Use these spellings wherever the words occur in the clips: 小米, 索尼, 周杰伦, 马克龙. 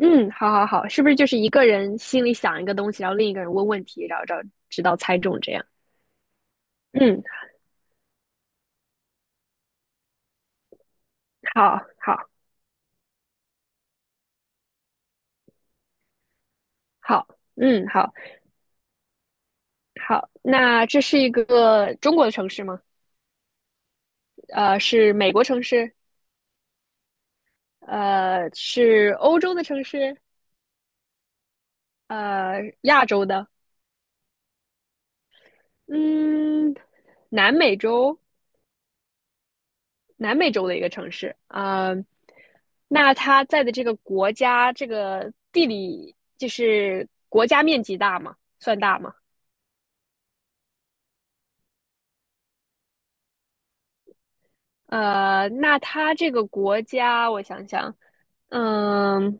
嗯，好好好，是不是就是一个人心里想一个东西，然后另一个人问问题，然后找直到猜中这样？嗯，好，好，好，嗯，好，好。那这是一个中国的城市吗？是美国城市？是欧洲的城市？亚洲的？嗯，南美洲，南美洲的一个城市。那它在的这个国家，这个地理就是国家面积大吗？算大吗？那它这个国家，我想想，嗯，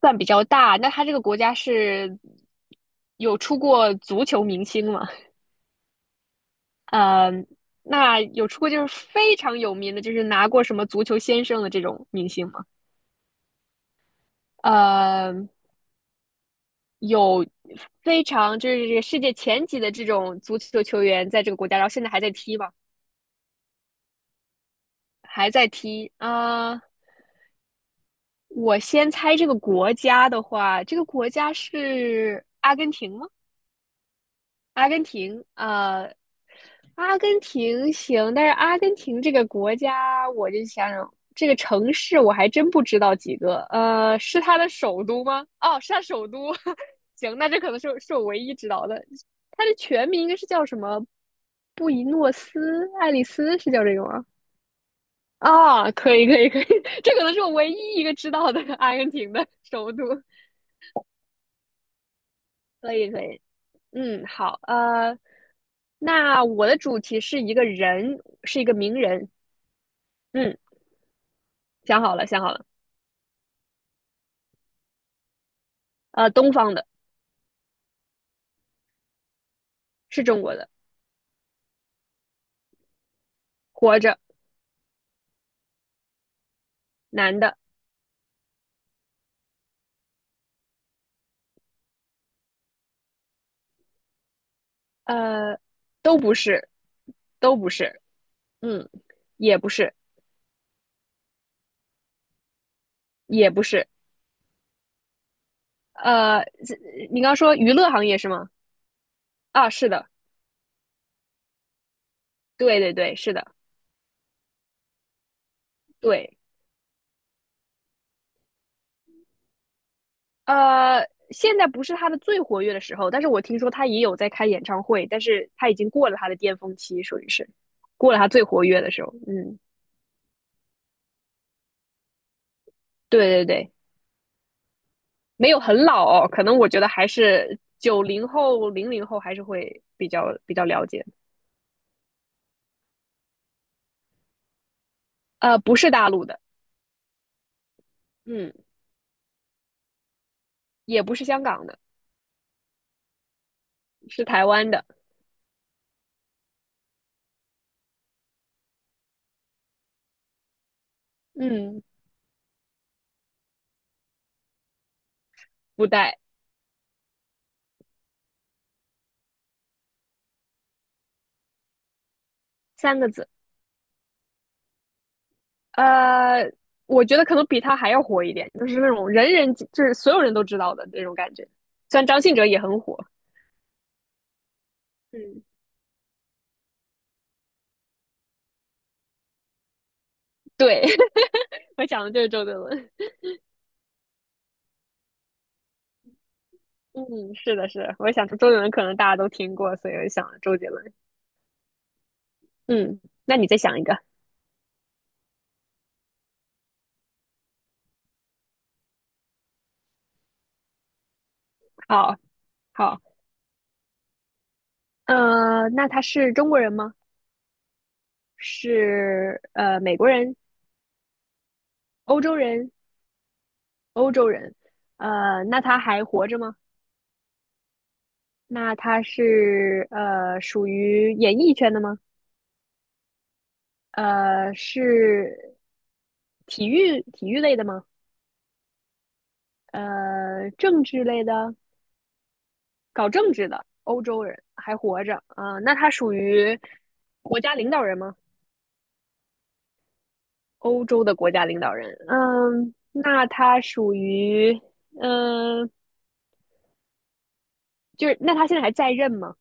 算比较大。那它这个国家是有出过足球明星吗？呃，那有出过就是非常有名的，就是拿过什么足球先生的这种明星吗？呃，有非常就是这个世界前几的这种足球球员在这个国家，然后现在还在踢吧，还在踢。啊，我先猜这个国家的话，这个国家是阿根廷吗？阿根廷，阿根廷行，但是阿根廷这个国家，我就想想，这个城市我还真不知道几个。是它的首都吗？哦，是它首都。行，那这可能是是我唯一知道的。它的全名应该是叫什么？布宜诺斯艾利斯是叫这个吗？啊，可以，可以，可以，这可能是我唯一一个知道的阿根廷的首都。可以，可以。嗯，好，那我的主题是一个人，是一个名人。嗯，想好了，想好了，东方的，是中国的，活着，男的，呃，都不是，都不是，嗯，也不是，也不是，呃，你刚说娱乐行业是吗？啊，是的，对对对，是的，对，呃，现在不是他的最活跃的时候，但是我听说他也有在开演唱会，但是他已经过了他的巅峰期，属于是过了他最活跃的时候，嗯，对对对。没有很老哦，可能我觉得还是90后、00后还是会比较了解。不是大陆的，嗯，也不是香港的，是台湾的，嗯，不带三个字。呃，我觉得可能比他还要火一点，就是那种人人就是所有人都知道的那种感觉。虽然张信哲也很火，嗯，对，我想的就是周杰伦。嗯，是的，是，我想说周杰伦可能大家都听过，所以我想周杰伦。嗯，那你再想一个，好好。那他是中国人吗？是美国人、欧洲人、欧洲人。那他还活着吗？那他是属于演艺圈的吗？是体育类的吗？政治类的，搞政治的欧洲人还活着啊，那他属于国家领导人吗？欧洲的国家领导人，嗯，那他属于嗯、呃就是那他现在还在任吗？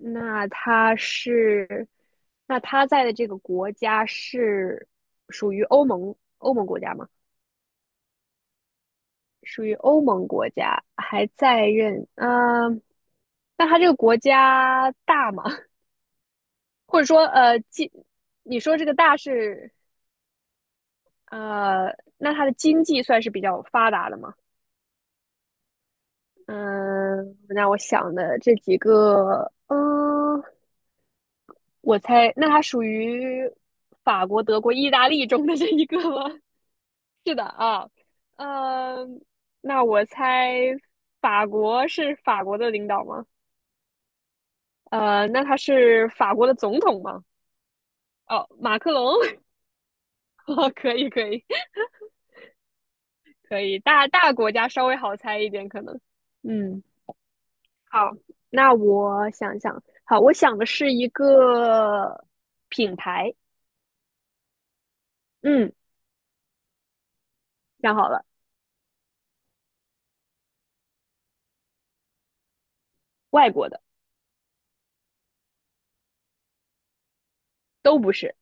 那他是，那他在的这个国家是属于欧盟国家吗？属于欧盟国家，还在任。嗯、那他这个国家大吗？或者说，你说这个大是，那他的经济算是比较发达的吗？嗯、那我想的这几个，我猜，那它属于法国、德国、意大利中的这一个吗？是的啊，呃，那我猜法国是法国的领导吗？那他是法国的总统吗？哦，马克龙，哦，可以，可以，可以，大国家稍微好猜一点，可能，嗯，好，那我想想，好，我想的是一个品牌，嗯，想好了，外国的，都不是，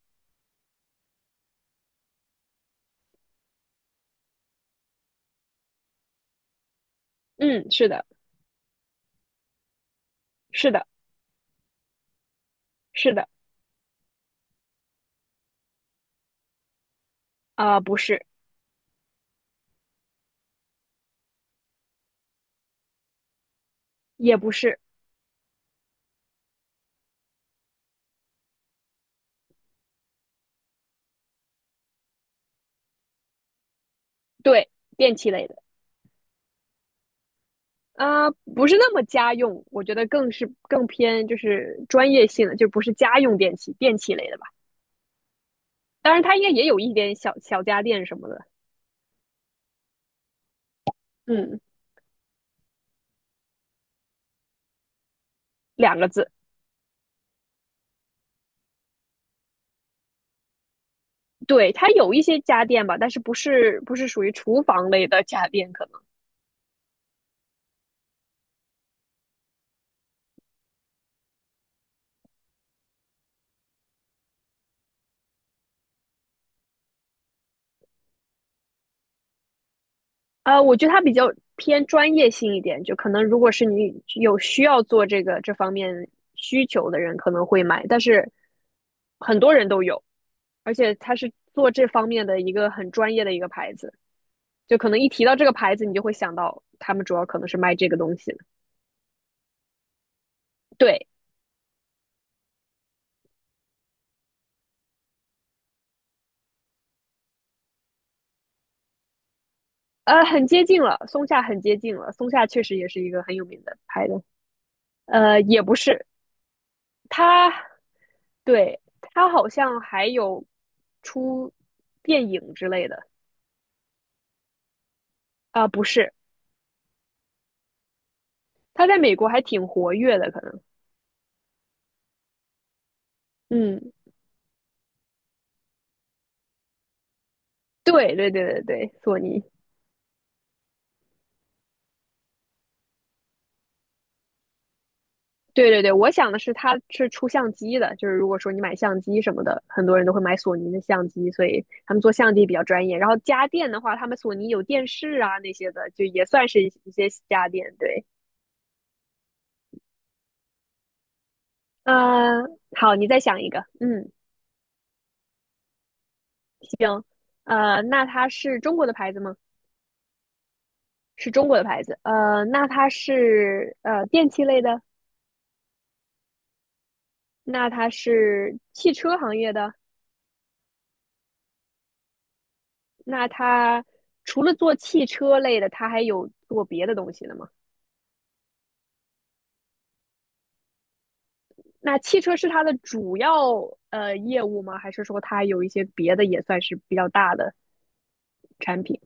嗯，是的，是的。是的，啊、不是，也不是，对，电器类的，啊、不是那么家用，我觉得更是更偏就是专业性的，就不是家用电器，电器类的吧。当然，它应该也有一点小小家电什么的，嗯，两个字，对，它有一些家电吧，但是不是属于厨房类的家电，可能，啊，我觉得它比较偏专业性一点，就可能如果是你有需要做这个这方面需求的人，可能会买，但是很多人都有。而且它是做这方面的一个很专业的一个牌子，就可能一提到这个牌子，你就会想到他们主要可能是卖这个东西的。对，很接近了，松下很接近了，松下确实也是一个很有名的牌子，也不是，它对它好像还有出电影之类的不是，它在美国还挺活跃的，可能，嗯，对对对对对，索尼。对对对，我想的是它是出相机的，就是如果说你买相机什么的，很多人都会买索尼的相机，所以他们做相机比较专业。然后家电的话，他们索尼有电视啊那些的，就也算是一些家电。对，呃，好，你再想一个，嗯，那它是中国的牌子吗？是中国的牌子，那它是电器类的，那它是汽车行业的，那它除了做汽车类的，它还有做别的东西的吗？那汽车是它的主要业务吗？还是说它有一些别的也算是比较大的产品？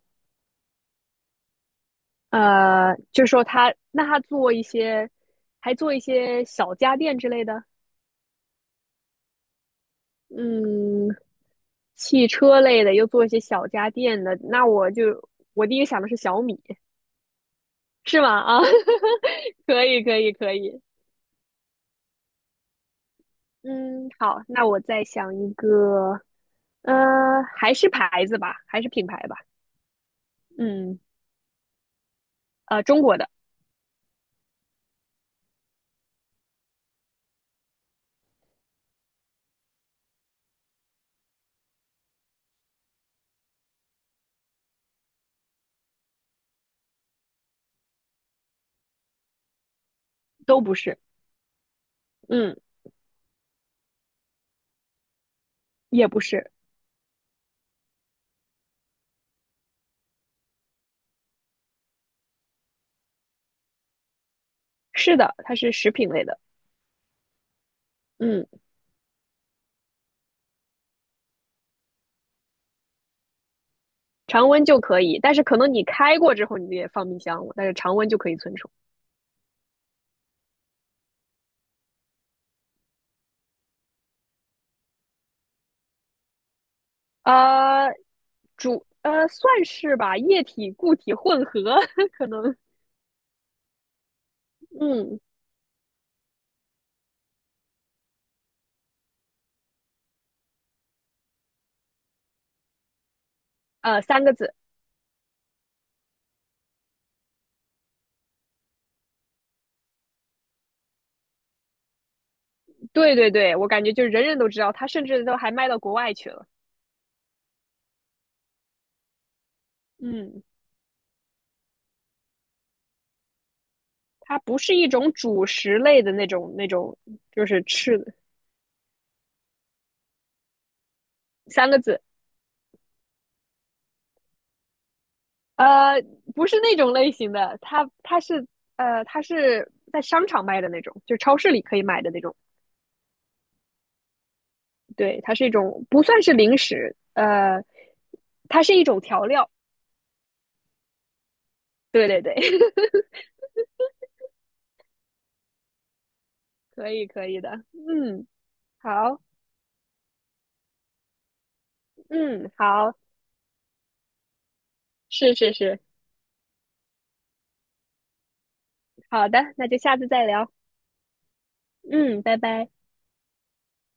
就是说它那它做一些，还做一些小家电之类的，嗯，汽车类的又做一些小家电的，那我就我第一个想的是小米，是吗？啊，可以可以可以，嗯，好，那我再想一个，还是牌子吧，还是品牌吧，嗯，中国的，都不是，嗯，也不是，是的，它是食品类的，嗯，常温就可以，但是可能你开过之后你也放冰箱了，但是常温就可以存储。呃，算是吧，液体固体混合 可能，嗯三个字，对对对，我感觉就是人人都知道，它甚至都还卖到国外去了，嗯，它不是一种主食类的那种，就是吃的三个字，呃，不是那种类型的，它是在商场卖的那种，就超市里可以买的那种。对，它是一种不算是零食，它是一种调料。对对对，可以可以的。嗯，好，嗯，好，是是是，好的，那就下次再聊。嗯，拜拜。